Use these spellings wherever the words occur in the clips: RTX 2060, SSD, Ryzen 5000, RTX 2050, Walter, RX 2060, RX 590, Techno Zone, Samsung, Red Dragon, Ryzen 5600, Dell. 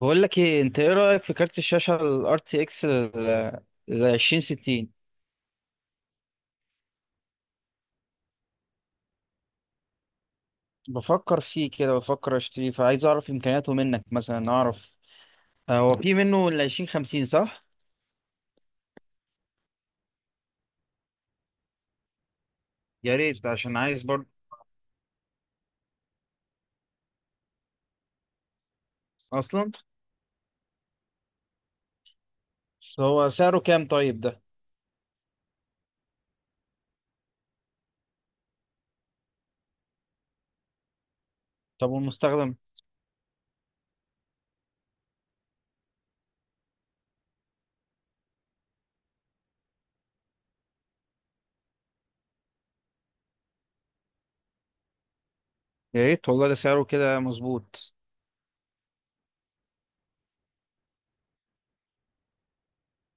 بقول لك ايه، انت ايه رأيك في كارت الشاشة ال RTX ال 2060؟ بفكر فيه كده، بفكر اشتريه، فعايز اعرف امكانياته منك. مثلا اعرف، هو في منه ال 2050 صح؟ يا ريت، عشان عايز برضه. اصلا. بس هو سعره كام طيب ده؟ طب والمستخدم؟ يا ريت والله، ده سعره كده مظبوط.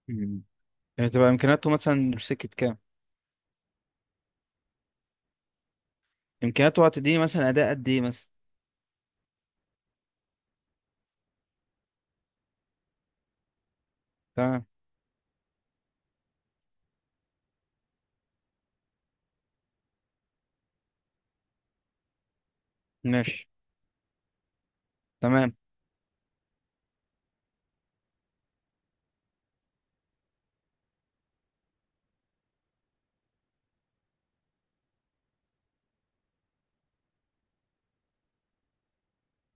مم. يعني تبقى امكانياته مثلا سكة كام؟ امكانياته هتديني مثلا اداء قد ايه مثلا؟ تمام. ماشي. تمام.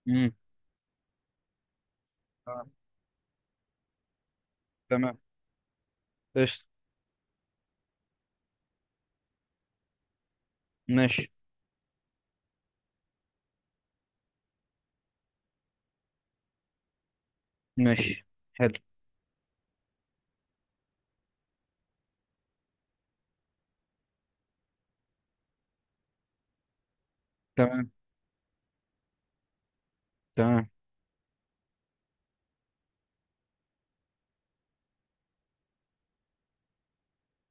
امم. تمام. تمام. قشطة. ماشي. ماشي. حلو. تمام. تمام.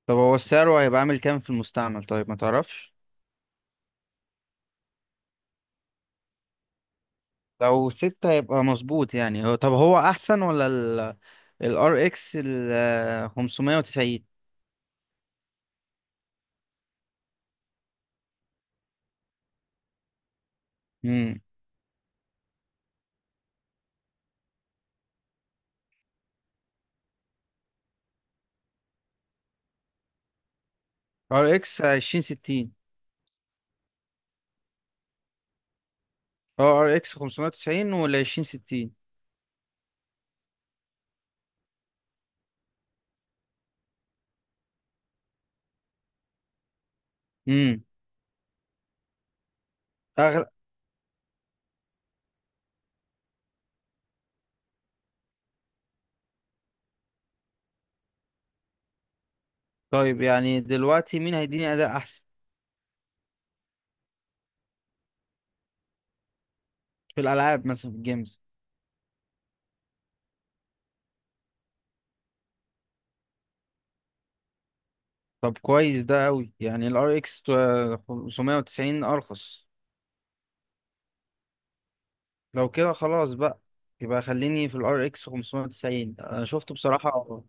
طب هو السعر هيبقى عامل كام في المستعمل طيب؟ ما تعرفش؟ لو ستة هيبقى مظبوط، يعني هو. طب هو أحسن ولا ال RX ال 590؟ امم. RX 2060، اه RX 590 ولا 2060؟ امم. أغلى. طيب يعني دلوقتي مين هيديني أداء أحسن؟ في الألعاب مثلا، في الجيمز. طب كويس ده أوي، يعني ال RX 590 أرخص. لو كده خلاص بقى، يبقى خليني في الار اكس 590، انا شفته بصراحة.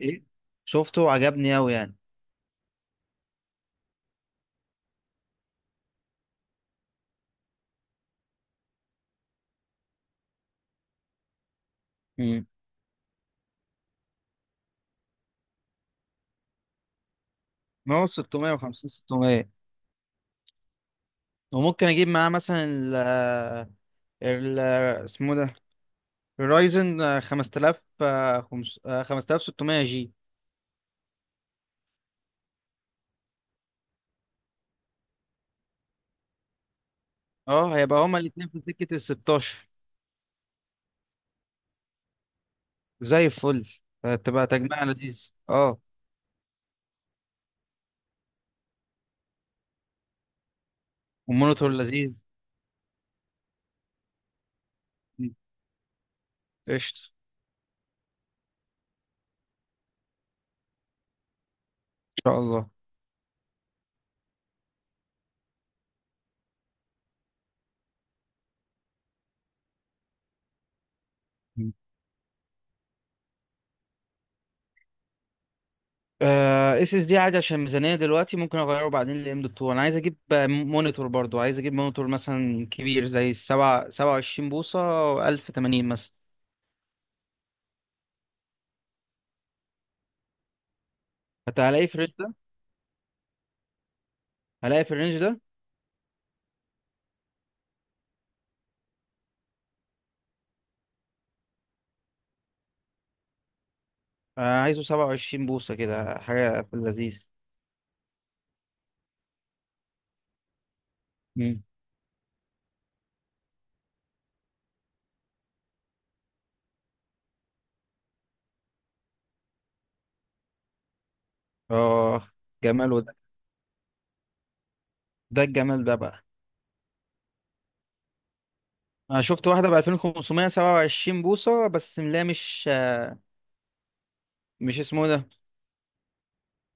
ايه، شفته عجبني اوي يعني. امم. ما هو 650 600. وممكن اجيب معاه مثلا ال اسمه ده، الرايزن 5000، 5600 جي. اه، هيبقى هما الاثنين في سكة ال 16، زي الفل. هتبقى تجميع لذيذ اه. والمونيتور لذيذ. مم. قشطة. ان شاء الله. اس اس دي عادي عشان ميزانيه دلوقتي، ممكن اغيره بعدين لام دوت 2. انا عايز اجيب مونيتور برضو، عايز اجيب مونيتور مثلا كبير زي السبعة، 27 بوصه، 1080 مثلا. حتى هلاقي في الرينج ده؟ هلاقي في الرينج ده. عايزه 27 بوصه كده، حاجه في اللذيذ. مم. اه، جمال وده، ده الجمال ده بقى. انا شفت واحده ب 2500، 27 بوصه، بس ملاها مش اسمه ده.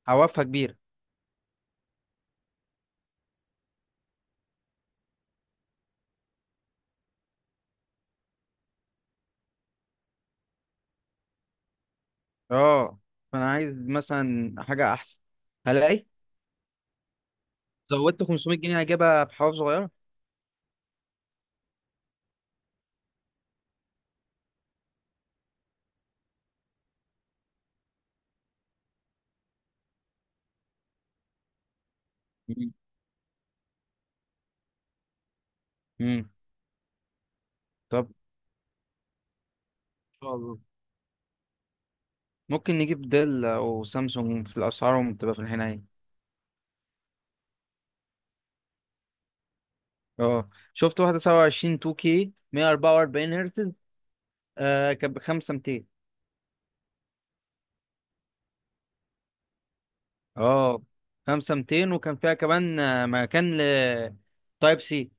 عوافها كبيره. اه. فانا عايز مثلا حاجه احسن. هلاقي. زودت 500 جنيه هجيبها بحوار صغيرة. مم. مم. طب إن شاء الله ممكن نجيب ديل أو سامسونج، في الأسعارهم بتبقى في الحناية. اه شفت واحدة 27 2K 144 هرتز، آه كانت ب 5200. اه 5200، وكان فيها كمان مكان ل تايب سي.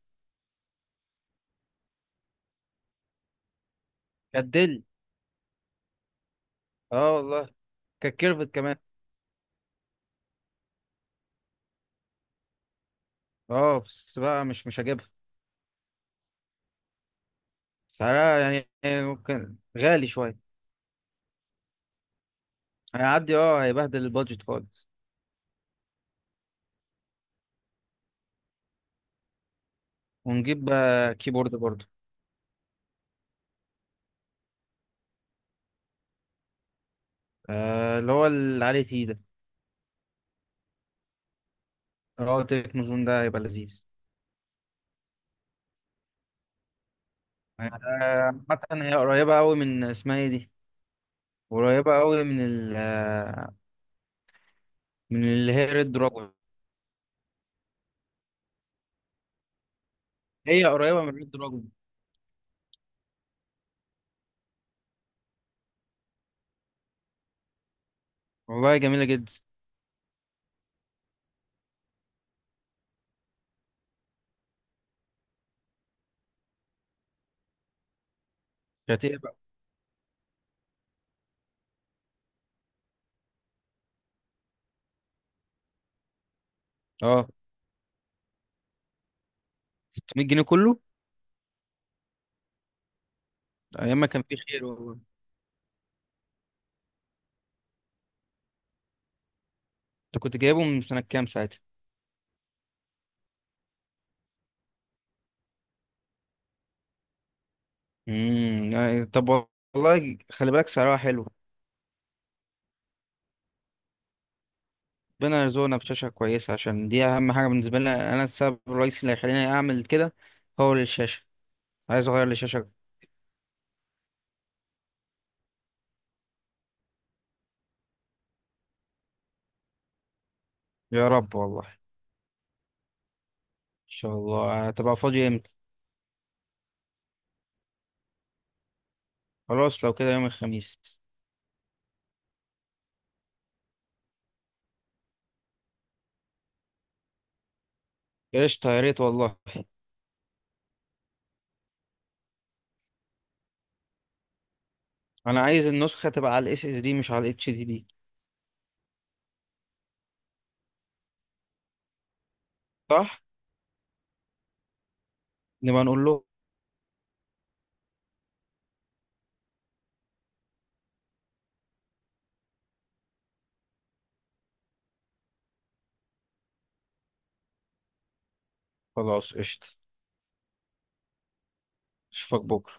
كانت ديل. اه والله، كانت كيرفت كمان. اه بس بقى مش هجيبها. سعرها يعني ممكن غالي شوية. هيعدي اه، هيبهدل البادجت خالص. ونجيب كيبورد برضه. اللي هو العالي فيه ده، اللي هو تكنو زون ده هيبقى لذيذ. آه عامة هي قريبة أوي من اسمها ايه دي، قريبة أوي من ال من اللي هي ريد دراجون. هي قريبة من ريد دراجون. والله جميلة جدا. شاتيه بقى. اه، 600 جنيه كله. أيام ما كان في خير والله. أنت كنت جايبه من سنة كام ساعتها؟ امم، يعني طب. والله خلي بالك سعرها حلو. ربنا يرزقنا بشاشة كويسة، عشان دي أهم حاجة بالنسبة لنا. أنا السبب الرئيسي اللي هيخليني أعمل كده هو الشاشة. عايز أغير لشاشة. يا رب والله ان شاء الله. هتبقى فاضي امتى؟ خلاص لو كده يوم الخميس. قشطة يا ريت والله. انا عايز النسخة تبقى على الاس اس دي مش على الاتش دي دي. صح. نبقى نقول له. خلاص قشطة. اشوفك بكرة.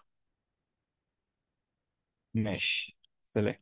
ماشي. سلام.